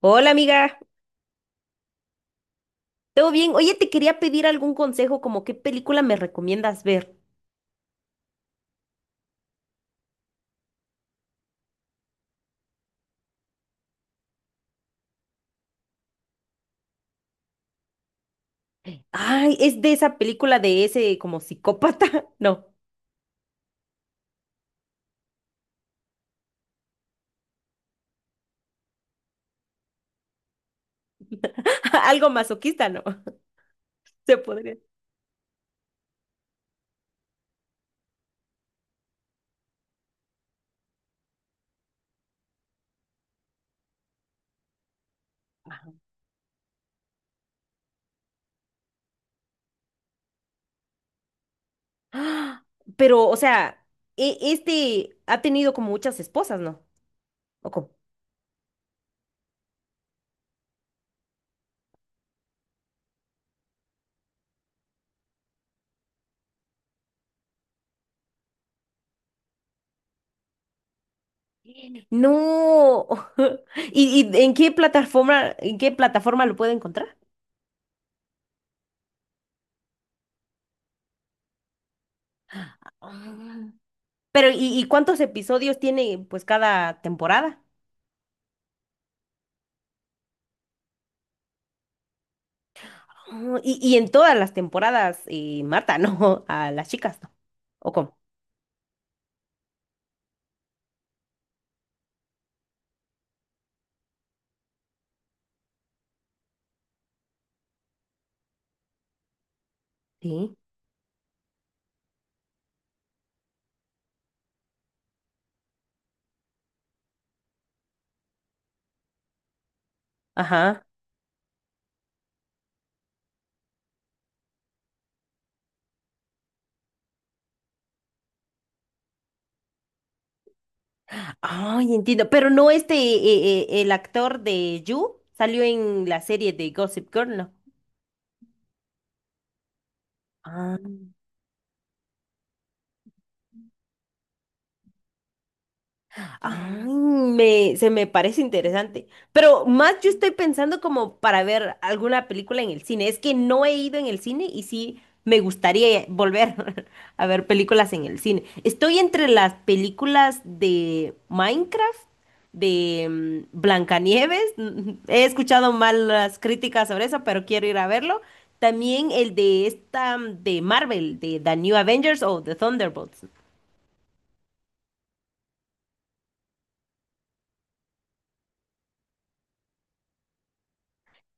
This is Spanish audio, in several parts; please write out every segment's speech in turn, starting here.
Hola amiga, ¿todo bien? Oye, te quería pedir algún consejo, como qué película me recomiendas ver. Ay, es de esa película de ese como psicópata, no, algo masoquista, no, se podría. Ah, Pero, o sea, este ha tenido como muchas esposas, ¿no? ¿O cómo? No. ¿Y en qué plataforma lo puedo encontrar? Ah. Pero, ¿y cuántos episodios tiene pues cada temporada? Oh, y en todas las temporadas matan, ¿no? A las chicas, ¿no? ¿O cómo? Sí. Ajá. Ay, entiendo. Pero no este, el actor de Yu salió en la serie de Gossip Girl, ¿no? Ah. Ay, se me parece interesante. Pero más yo estoy pensando como para ver alguna película en el cine. Es que no he ido en el cine y sí me gustaría volver a ver películas en el cine. Estoy entre las películas de Minecraft, de Blancanieves. He escuchado malas críticas sobre eso, pero quiero ir a verlo. También el de esta de Marvel, de The New Avengers o The Thunderbolts.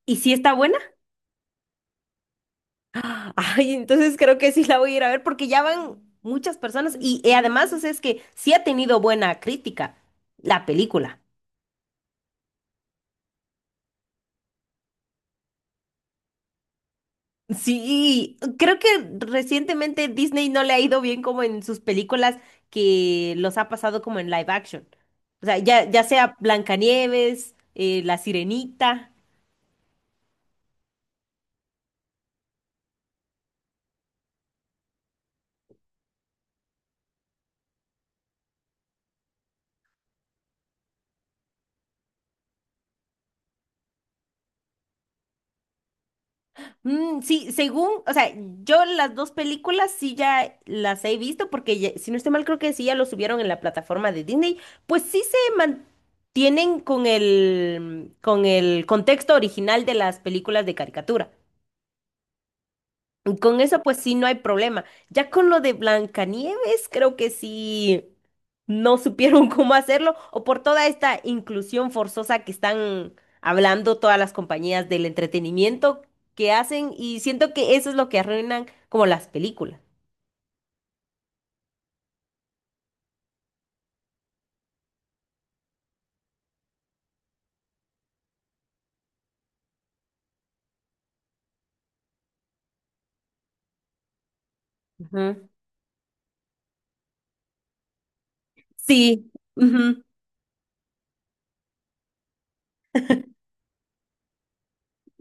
¿Y si está buena? Ah, Ay, entonces creo que sí la voy a ir a ver porque ya van muchas personas y además, o sea, es que sí ha tenido buena crítica la película. Sí, creo que recientemente Disney no le ha ido bien como en sus películas que los ha pasado como en live action. O sea, ya, ya sea Blancanieves, La Sirenita. Mm, sí, según, o sea, yo las dos películas sí ya las he visto porque si no estoy mal creo que sí ya lo subieron en la plataforma de Disney, pues sí se mantienen con el contexto original de las películas de caricatura. Con eso, pues sí, no hay problema. Ya con lo de Blancanieves, creo que sí no supieron cómo hacerlo, o por toda esta inclusión forzosa que están hablando todas las compañías del entretenimiento que hacen, y siento que eso es lo que arruinan como las películas. Ujú. Sí, ujú.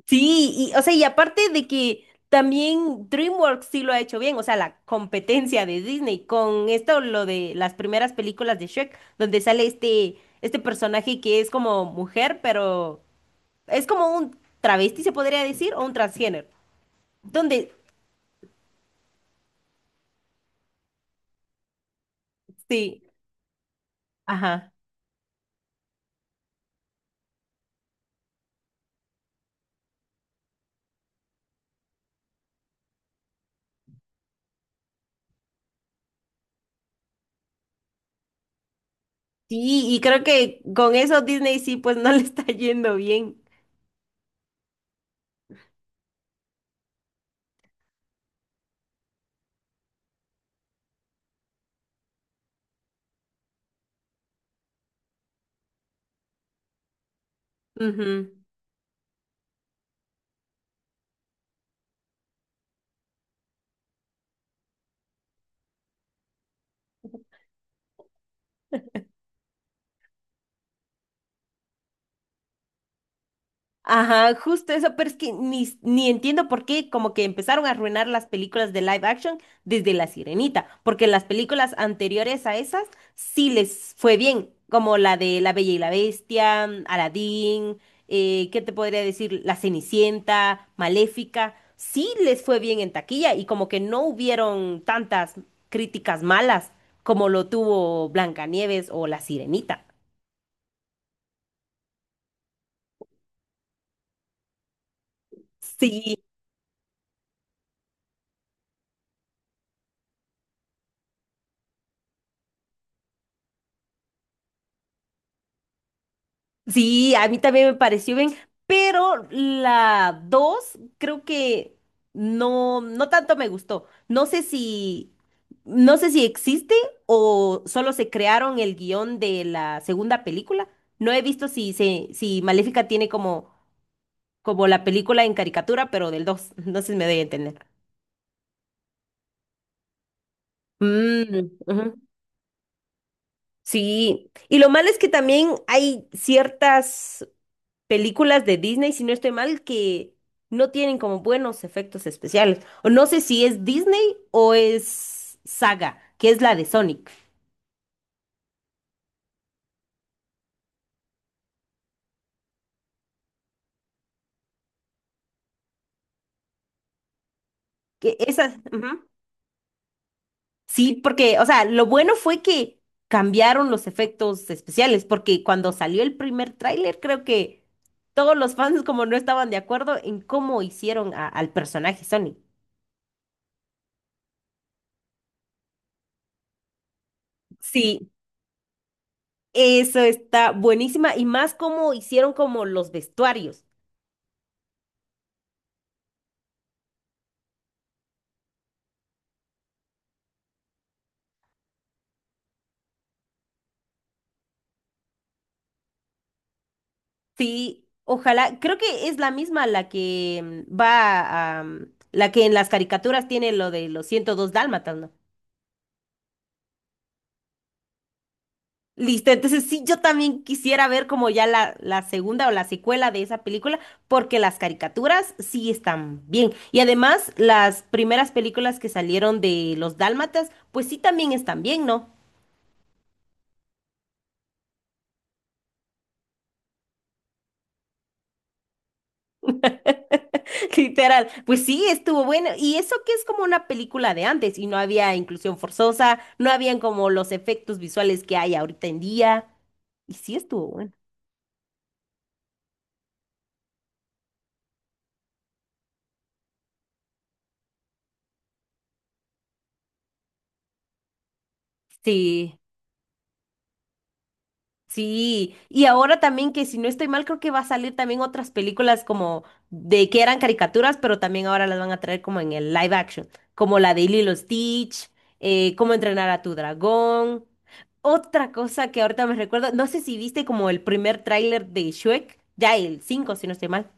Sí, y, o sea, y aparte de que también DreamWorks sí lo ha hecho bien, o sea, la competencia de Disney con esto, lo de las primeras películas de Shrek, donde sale este, este personaje que es como mujer, pero es como un travesti, se podría decir, o un transgénero, donde sí, ajá, sí, y creo que con eso Disney sí, pues no le está yendo bien. Ujú. Ajá, justo eso, pero es que ni entiendo por qué como que empezaron a arruinar las películas de live action desde La Sirenita, porque las películas anteriores a esas sí les fue bien, como la de La Bella y la Bestia, mm, Aladdin, ¿qué te podría decir? La Cenicienta, Maléfica, sí les fue bien en taquilla y como que no hubieron tantas críticas malas como lo tuvo Blancanieves o La Sirenita. Sí. Sí, a mí también me pareció bien, pero la 2, creo que no, no tanto me gustó. No sé si existe o solo se crearon el guión de la segunda película. No he visto si Maléfica tiene como, como la película en caricatura, pero del 2, entonces me doy a entender. Mm, ujú. Sí, y lo malo es que también hay ciertas películas de Disney, si no estoy mal, que no tienen como buenos efectos especiales. O no sé si es Disney o es Saga, que es la de Sonic. Que esa, ujú. Sí, porque, o sea, lo bueno fue que cambiaron los efectos especiales, porque cuando salió el primer tráiler, creo que todos los fans como no estaban de acuerdo en cómo hicieron al personaje Sonic. Sí, eso está buenísima y más cómo hicieron como los vestuarios. Sí, ojalá. Creo que es la misma la que mm, va a, mm, la que en las caricaturas tiene lo de los 102 dálmatas, ¿no? Listo, entonces sí, yo también quisiera ver como ya la segunda o la secuela de esa película, porque las caricaturas sí están bien. Y además, las primeras películas que salieron de los dálmatas, pues sí también están bien, ¿no? Literal, pues sí, estuvo bueno. Y eso que es como una película de antes y no había inclusión forzosa, no habían como los efectos visuales que hay ahorita en día. Y sí estuvo bueno. Sí. Sí, y ahora también que si no estoy mal, creo que va a salir también otras películas como de que eran caricaturas, pero también ahora las van a traer como en el live action, como la de Lilo Stitch, Cómo entrenar a tu dragón. Otra cosa que ahorita me recuerdo, no sé si viste como el primer tráiler de Shrek, ya el 5 si no estoy mal.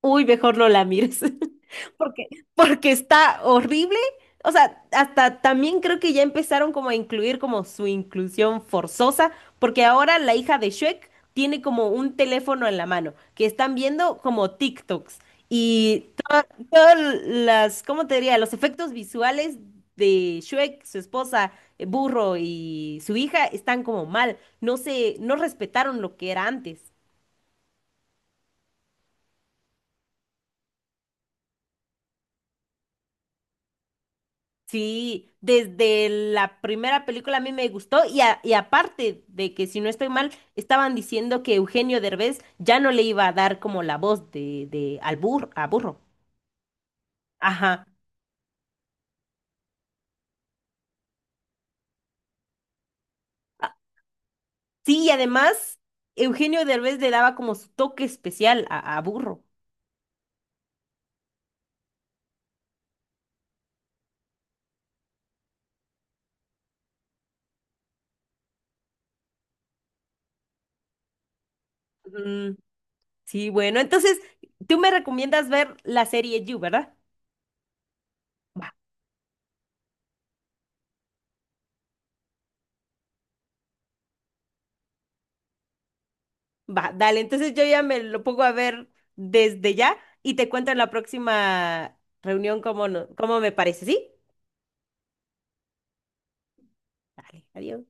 Uy, mejor no la mires, porque, porque está horrible. O sea, hasta también creo que ya empezaron como a incluir como su inclusión forzosa, porque ahora la hija de Shrek tiene como un teléfono en la mano, que están viendo como TikToks. Y t- todas las, ¿cómo te diría? Los efectos visuales de Shrek, su esposa, Burro y su hija están como mal. No se, no respetaron lo que era antes. Sí, desde la primera película a mí me gustó y, y aparte de que si no estoy mal, estaban diciendo que Eugenio Derbez ya no le iba a dar como la voz de al a burro. Ajá. Ah, Sí, y además Eugenio Derbez le daba como su toque especial a burro. Mm, sí, bueno, entonces tú me recomiendas ver la serie You, ¿verdad? Va. Va, dale, entonces yo ya me lo pongo a ver desde ya y te cuento en la próxima reunión cómo, no, cómo me parece, ¿sí? Dale, adiós.